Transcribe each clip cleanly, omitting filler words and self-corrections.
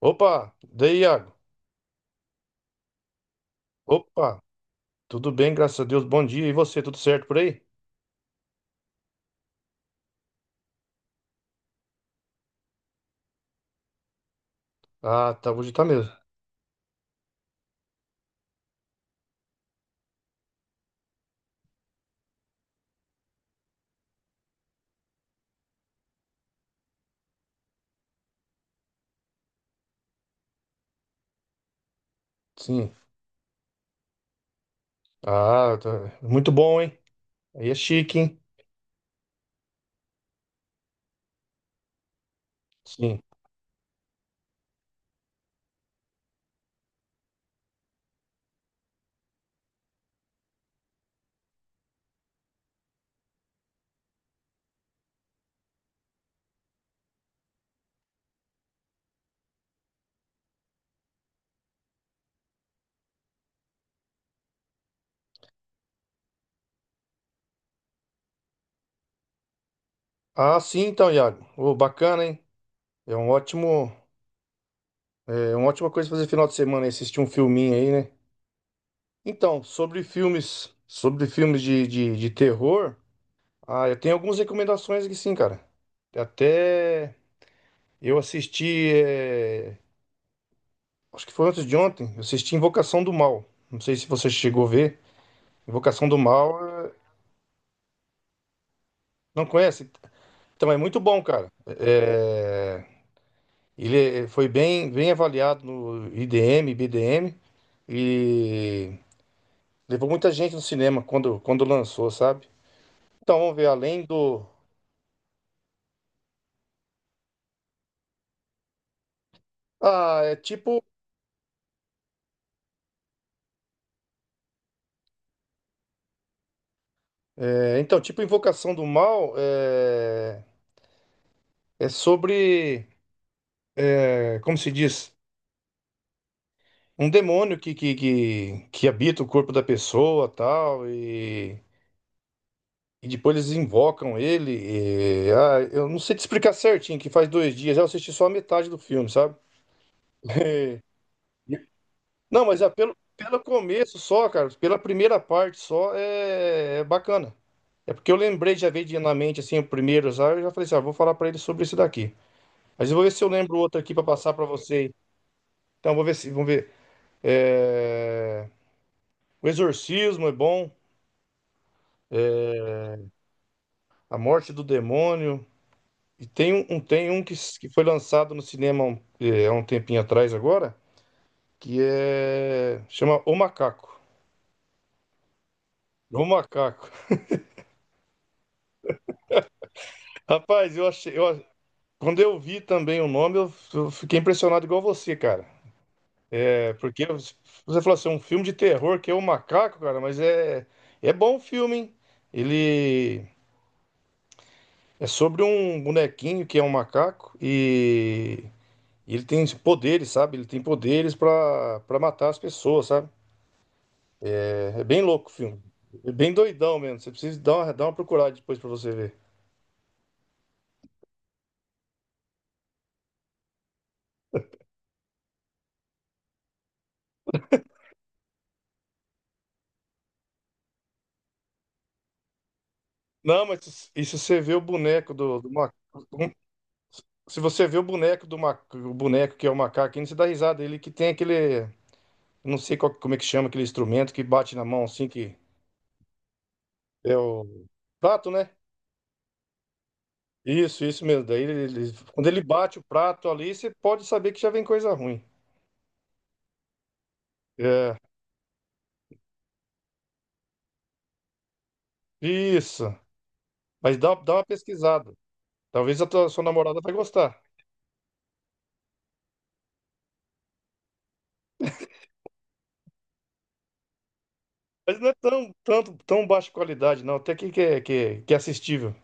Opa, daí, Iago? Opa, tudo bem, graças a Deus. Bom dia. E você, tudo certo por aí? Ah, tá, hoje tá mesmo. Sim. Ah, tá. Muito bom, hein? Aí é chique, hein? Sim. Ah, sim, então, Iago. Ô, bacana, hein? É um ótimo, é uma ótima coisa fazer final de semana, hein? Assistir um filminho aí, né? Então, sobre filmes de terror, ah, eu tenho algumas recomendações aqui, sim, cara. Até eu assisti eh, acho que foi antes de ontem. Eu assisti Invocação do Mal. Não sei se você chegou a ver. Invocação do Mal, não conhece? Então é muito bom, cara. Ele foi bem avaliado no IDM, BDM e levou muita gente no cinema quando lançou, sabe? Então vamos ver, além do. Ah, é tipo. É, então, tipo Invocação do Mal é, é sobre. É, como se diz? Um demônio que habita o corpo da pessoa tal, e. E depois eles invocam ele. E- ah, eu não sei te explicar certinho, que faz dois dias. Eu assisti só a metade do filme, sabe? Não, mas é pelo começo só, cara. Pela primeira parte só é, é bacana. É porque eu lembrei, já veio de- na mente assim, o primeiro já. Eu já falei assim, ah, vou falar pra ele sobre esse daqui. Mas eu vou ver se eu lembro outro aqui pra passar pra você. Então, vou ver se. Vamos ver. É, O Exorcismo é bom. A Morte do Demônio. E tem um, um- tem um que, s- que foi lançado no cinema há um, é, há um tempinho atrás agora. Que é chama O Macaco. O Macaco. Rapaz, eu achei, eu- a- quando eu vi também o nome, eu, f- eu fiquei impressionado igual você, cara. É, porque eu- você falou assim, um filme de terror que é O Macaco, cara, mas é é bom o filme, hein? Ele é sobre um bonequinho que é um macaco e ele tem poderes, sabe? Ele tem poderes pra para matar as pessoas, sabe? É, é bem louco o filme. É bem doidão mesmo. Você precisa dar uma procurada depois pra você ver. Não, mas se- e se você vê o boneco do ma- um- Se você vê o boneco do ma- o boneco que é o macaco, ainda você dá risada. Ele que tem aquele. Não sei qual- como é que chama aquele instrumento que bate na mão assim, que é o prato, né? Isso mesmo. Daí ele, ele- quando ele bate o prato ali, você pode saber que já vem coisa ruim. É, isso. Mas dá uma pesquisada. Talvez a tua- sua namorada vai gostar. Mas não é tão, tanto, tão baixa qualidade, não. Até que é assistível.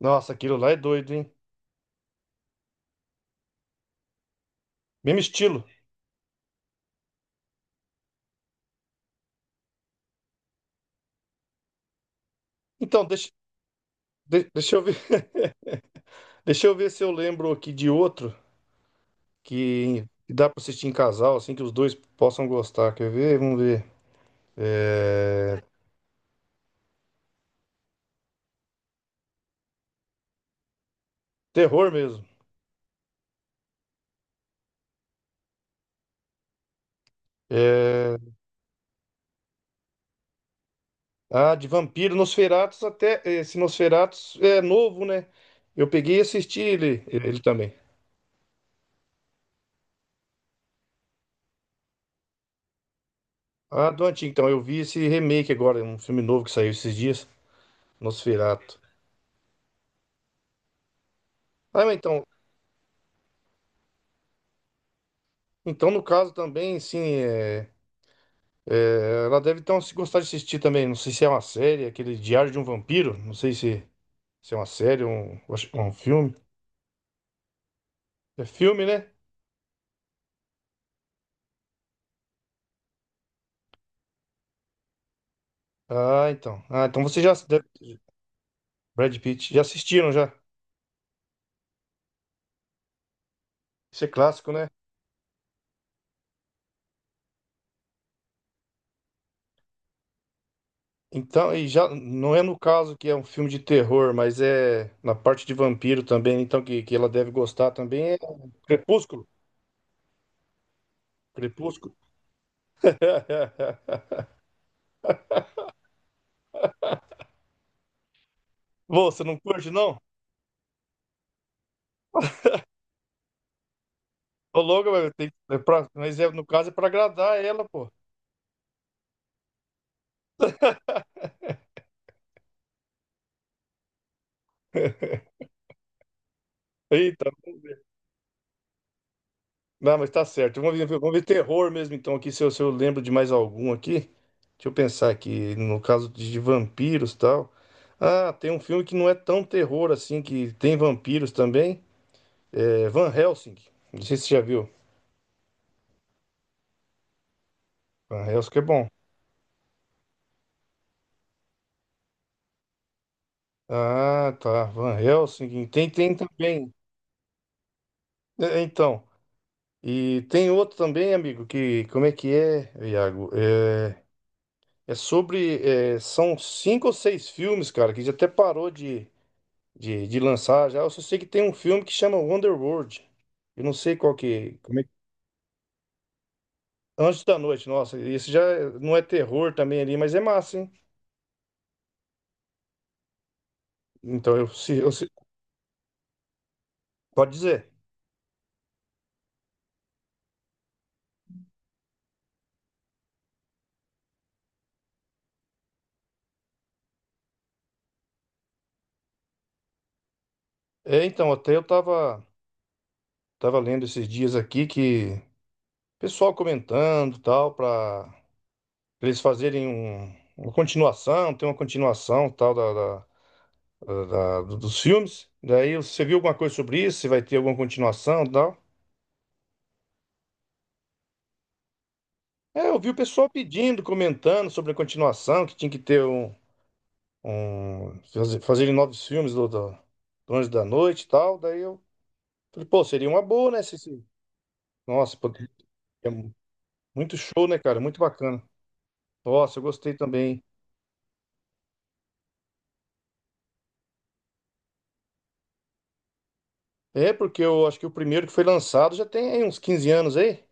Nossa, aquilo lá é doido, hein? Mesmo estilo. Então, deixa, de- deixa eu ver, deixa eu ver se eu lembro aqui de outro que, dá pra assistir em casal, assim que os dois possam gostar. Quer ver? Vamos ver. É, terror mesmo. É, ah, de vampiro, Nosferatus até. Esse Nosferatus é novo, né? Eu peguei e assisti ele, ele também. Ah, do antigo, então. Eu vi esse remake agora, um filme novo que saiu esses dias, Nosferatu. Ah, mas então, então no caso também, sim, é. É, ela deve então se gostar de assistir também. Não sei se é uma série, aquele Diário de um Vampiro. Não sei se, se é uma série, um, eu acho que é um filme. É filme, né? Ah, então. Ah, então você já deve- Brad Pitt já assistiram já? Isso é clássico, né? Então, e já não é no caso que é um filme de terror, mas é na parte de vampiro também, então que ela deve gostar também é Crepúsculo. Crepúsculo. Pô, você não curte, não? Ô, logo, mas tem- é pra- mas é, no caso é pra agradar ela, pô. Eita. Não, mas tá certo. Vamos ver terror mesmo, então, aqui, se eu lembro de mais algum aqui. Deixa eu pensar aqui, no caso de vampiros e tal. Ah, tem um filme que não é tão terror assim, que tem vampiros também. É Van Helsing. Não sei se você já viu. Van Helsing é bom. Ah, tá. Van Helsing. Tem, tem também. É, então. E tem outro também, amigo, que... Como é que é, Iago? É, é sobre... é, são cinco ou seis filmes, cara, que já até parou de lançar já. Eu só sei que tem um filme que chama Wonderworld. Eu não sei qual que. Como é que... Anjos da Noite, nossa, esse já é- não é terror também ali, mas é massa, hein? Então eu se- pode dizer. É, então, até eu tava, tava lendo esses dias aqui que pessoal comentando tal, para eles fazerem um- uma continuação, tem uma continuação tal da, da- da- da- do- dos filmes. Daí você viu alguma coisa sobre isso? Se vai ter alguma continuação tal? É, eu vi o pessoal pedindo, comentando sobre a continuação, que tinha que ter um, um fazer, fazerem novos filmes do Anjo da Noite e tal. Daí eu falei, pô, seria uma boa, né? Se- Nossa, pô, é muito show, né, cara? Muito bacana. Nossa, eu gostei também. É, porque eu acho que o primeiro que foi lançado já tem aí uns 15 anos aí.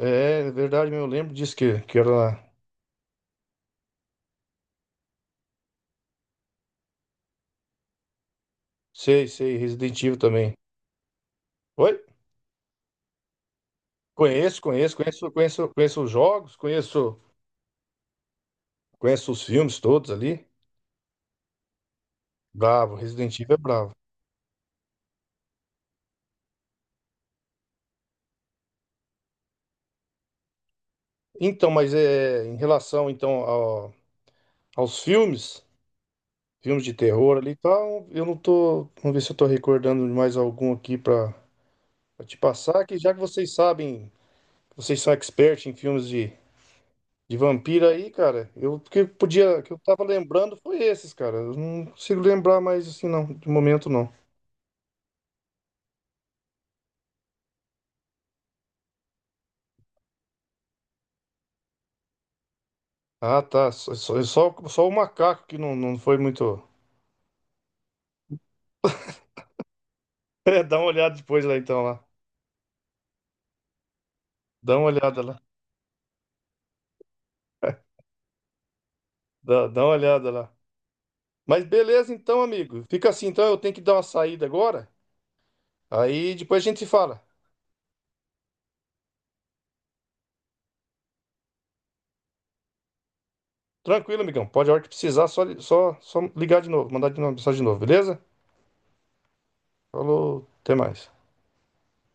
É, é verdade, eu lembro disso que era. Sei, sei, Resident Evil também. Oi? Conheço, conheço, conheço, conheço, conheço os jogos, conheço, conheço os filmes todos ali. Bravo, Resident Evil é bravo. Então, mas é em relação então ao- aos filmes, filmes de terror ali e tal, eu não tô, vamos ver se eu tô recordando de mais algum aqui pra pra te passar, que já que vocês sabem, vocês são expert em filmes de vampiro aí, cara, eu o que podia, que eu tava lembrando foi esses, cara. Eu não consigo lembrar mais assim não, de momento não. Ah, tá, só o macaco que não, não foi muito. É, dá uma olhada depois lá então lá. Dá uma olhada lá. Dá uma olhada lá. Mas beleza então, amigo. Fica assim então, eu tenho que dar uma saída agora. Aí depois a gente se fala. Tranquilo, amigão. Pode a hora que precisar, só ligar de novo, mandar de novo, mensagem de novo, beleza? Falou, até mais.